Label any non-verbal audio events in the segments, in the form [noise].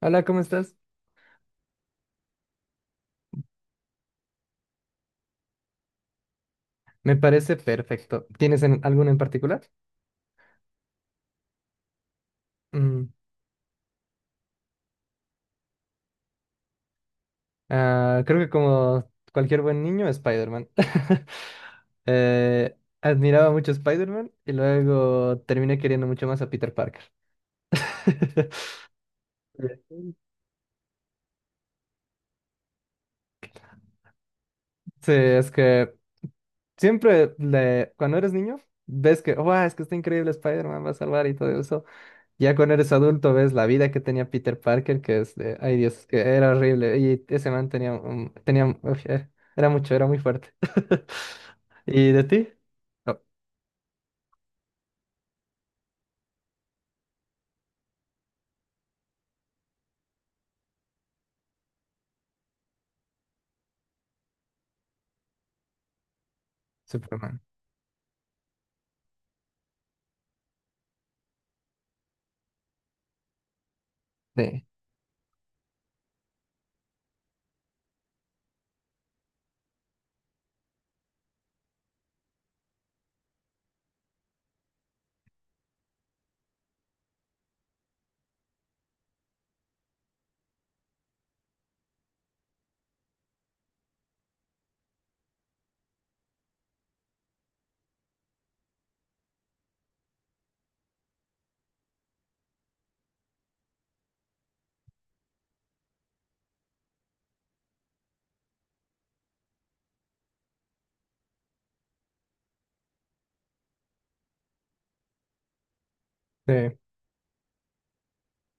Hola, ¿cómo estás? Me parece perfecto. ¿Tienes alguno en particular? Mm, ah, creo que como cualquier buen niño, Spider-Man. [laughs] Eh, admiraba mucho a Spider-Man y luego terminé queriendo mucho más a Peter Parker. [laughs] Sí, es que siempre cuando eres niño, ves que, wow, es que está increíble Spider-Man, va a salvar y todo eso. Ya cuando eres adulto ves la vida que tenía Peter Parker, que es de, ay Dios, es que era horrible. Y ese man tenía, tenía, uf, era mucho, era muy fuerte. [laughs] ¿Y de ti? Oh, Superman. Sí, sí.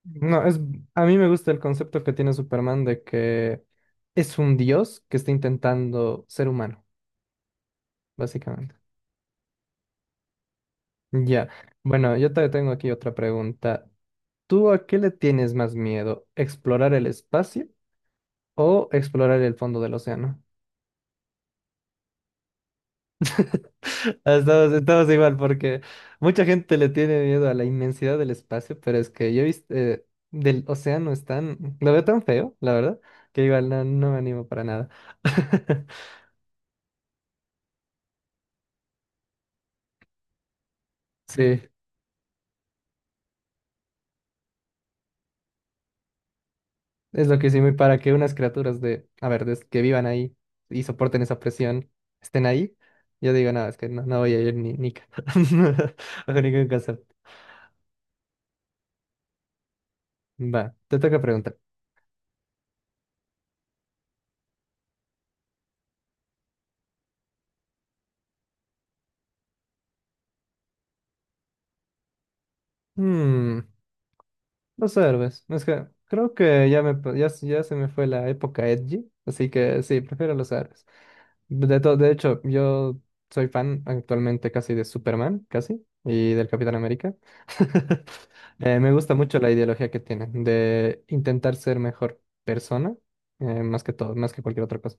No, es, a mí me gusta el concepto que tiene Superman de que es un dios que está intentando ser humano, básicamente. Ya. Bueno, yo te tengo aquí otra pregunta. ¿Tú a qué le tienes más miedo? ¿Explorar el espacio o explorar el fondo del océano? Estamos igual porque mucha gente le tiene miedo a la inmensidad del espacio, pero es que yo he visto del océano es tan, lo veo tan feo, la verdad, que igual no, no me animo para nada. [laughs] Sí, es lo que hicimos y para que unas criaturas de, a ver, que vivan ahí y soporten esa presión, estén ahí, yo digo, no, es que no, no voy a ir ni, [laughs] bajo ningún concepto. Va, te toca preguntar. Hmm, los héroes. Es que creo que ya, me, ya, ya se me fue la época edgy, así que sí, prefiero los héroes. De, de hecho, yo soy fan actualmente casi de Superman, casi, y del Capitán América. [laughs] Me gusta mucho la ideología que tienen de intentar ser mejor persona, más que todo, más que cualquier otra cosa.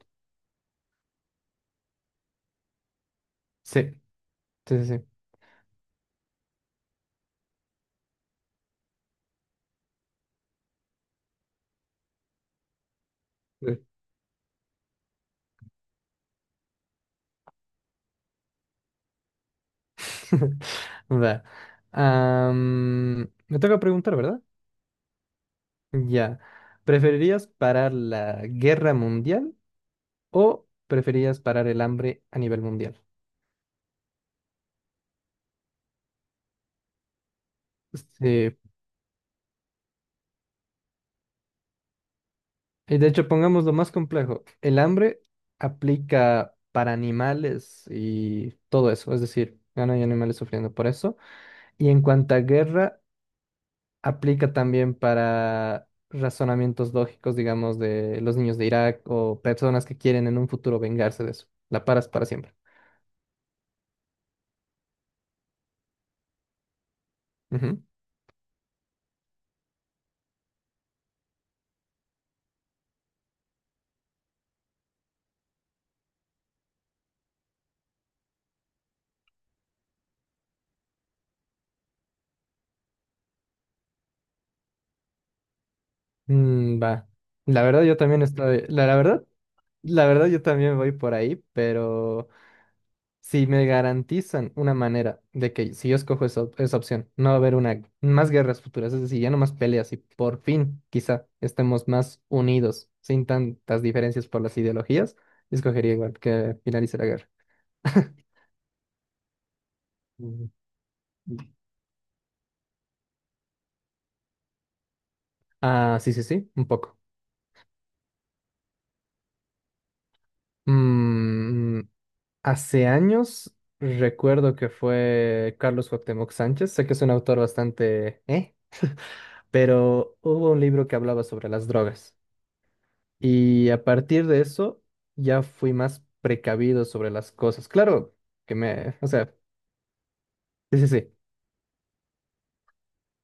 Sí, sí, sí. Sí. [laughs] Va. Am, me toca preguntar, ¿verdad? Ya. ¿Preferirías parar la guerra mundial o preferirías parar el hambre a nivel mundial? Sí. Y de hecho, pongamos lo más complejo. El hambre aplica para animales y todo eso. Es decir, ya no hay animales sufriendo por eso. Y en cuanto a guerra, aplica también para razonamientos lógicos, digamos, de los niños de Irak o personas que quieren en un futuro vengarse de eso. La paras para siempre. Ujú. Mm, va. La verdad yo también estoy, la verdad, la verdad yo también voy por ahí, pero si me garantizan una manera de que si yo escojo esa, esa opción, no va a haber una más guerras futuras, es decir, ya no más peleas y por fin quizá estemos más unidos, sin tantas diferencias por las ideologías, escogería igual que finalice la guerra. [laughs] Mm. Ah, sí, sí, sí, un poco. Mm, hace años recuerdo que fue Carlos Cuauhtémoc Sánchez, sé que es un autor bastante, ¿eh? Pero hubo un libro que hablaba sobre las drogas y a partir de eso ya fui más precavido sobre las cosas. Claro que me, o sea, sí, sí, sí.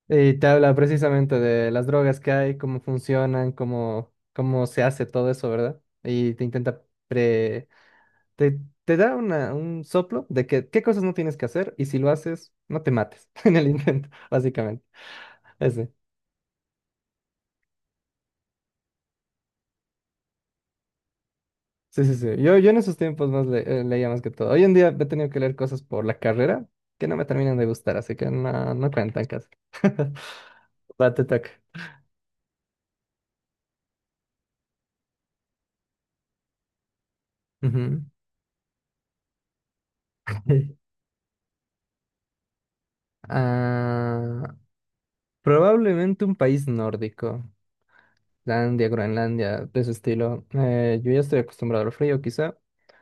Y te habla precisamente de las drogas que hay, cómo funcionan, cómo, cómo se hace todo eso, ¿verdad? Y te intenta te, te da un soplo de que qué cosas no tienes que hacer y si lo haces, no te mates [laughs] en el intento, básicamente. Ese. Sí, sí, sí. Yo en esos tiempos más leía más que todo. Hoy en día he tenido que leer cosas por la carrera que no me terminan de gustar, así que no, no cuentan casi. [laughs] Va, te toca. Ujú. [laughs] Ah, probablemente un país nórdico. Islandia, Groenlandia, de ese estilo. Yo ya estoy acostumbrado al frío, quizá.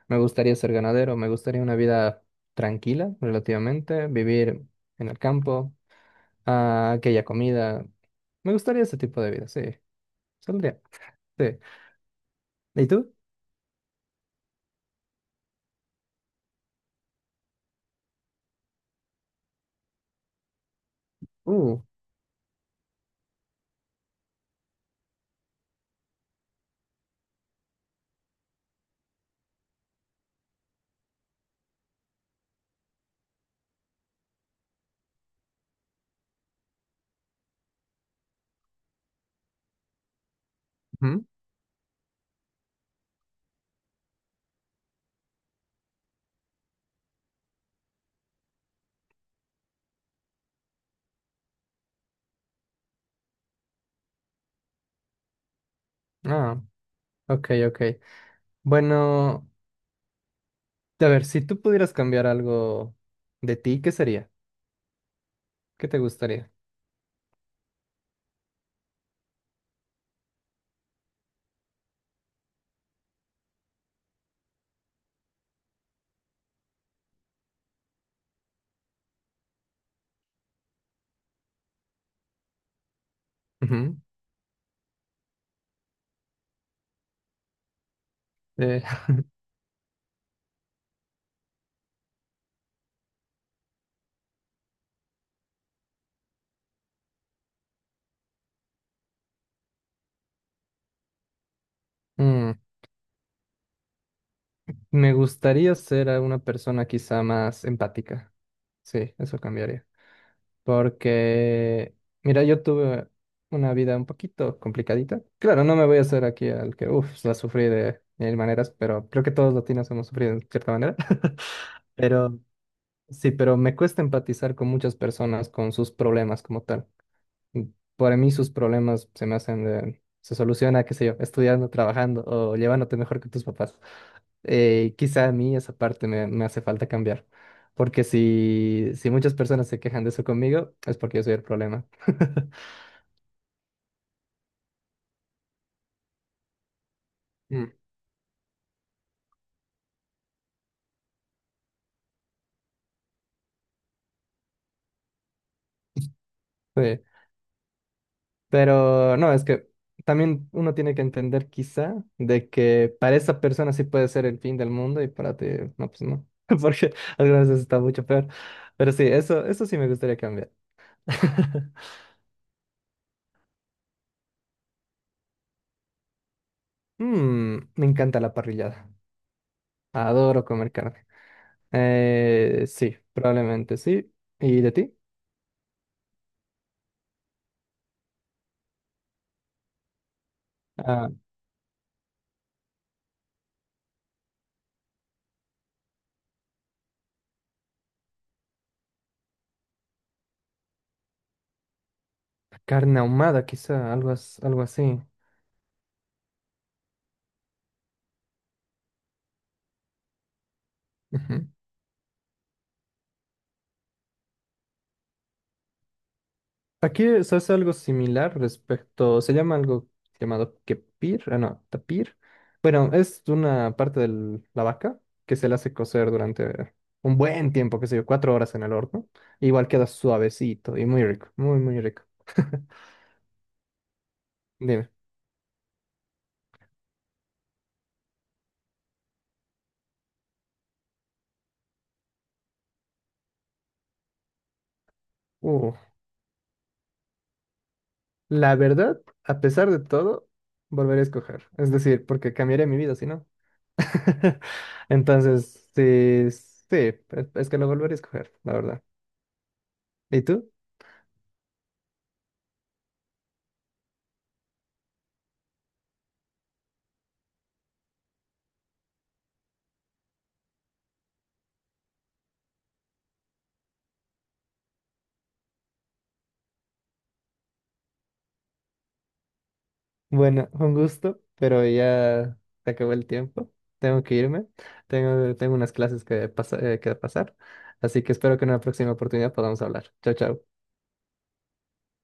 Me gustaría ser ganadero, me gustaría una vida tranquila, relativamente, vivir en el campo, ah, aquella comida. Me gustaría ese tipo de vida, sí. Saldría, sí. ¿Y tú? Uh, ujú. Ah, ok, ok. Bueno, a ver, si tú pudieras cambiar algo de ti, ¿qué sería? ¿Qué te gustaría? Ujú, eh, [laughs] me gustaría ser a una persona quizá más empática. Sí, eso cambiaría. Porque, mira, yo tuve una vida un poquito complicadita. Claro, no me voy a hacer aquí al que, uff, la sufrí de mil maneras, pero creo que todos los latinos hemos sufrido de cierta manera. [laughs] Pero sí, pero me cuesta empatizar con muchas personas, con sus problemas como tal. Para mí sus problemas se me hacen se soluciona, qué sé yo, estudiando, trabajando o llevándote mejor que tus papás. Quizá a mí esa parte me, me hace falta cambiar, porque si, si muchas personas se quejan de eso conmigo, es porque yo soy el problema. [laughs] Mm. Sí, pero no, es que también uno tiene que entender quizá de que para esa persona sí puede ser el fin del mundo y para ti, no, pues no, [laughs] porque algunas veces está mucho peor. Pero sí, eso sí me gustaría cambiar. [laughs] Mm, me encanta la parrillada. Adoro comer carne. Sí, probablemente sí. ¿Y de ti? Ah, carne ahumada, quizá, algo, algo así. Ujú. Aquí se hace algo similar respecto, se llama algo llamado kepir, ah, no, tapir. Bueno, es una parte de la vaca que se la hace cocer durante un buen tiempo, qué sé yo, 4 horas en el horno. Igual queda suavecito y muy rico, muy, muy rico. [laughs] Dime. Uh, La verdad, a pesar de todo, volveré a escoger. Es decir, porque cambiaré mi vida, si no. [laughs] Entonces, sí, sí, es que lo volveré a escoger, la verdad. ¿Y tú? Bueno, un gusto, pero ya se acabó el tiempo. Tengo que irme. Tengo unas clases que, que pasar. Así que espero que en una próxima oportunidad podamos hablar. Chao, chao.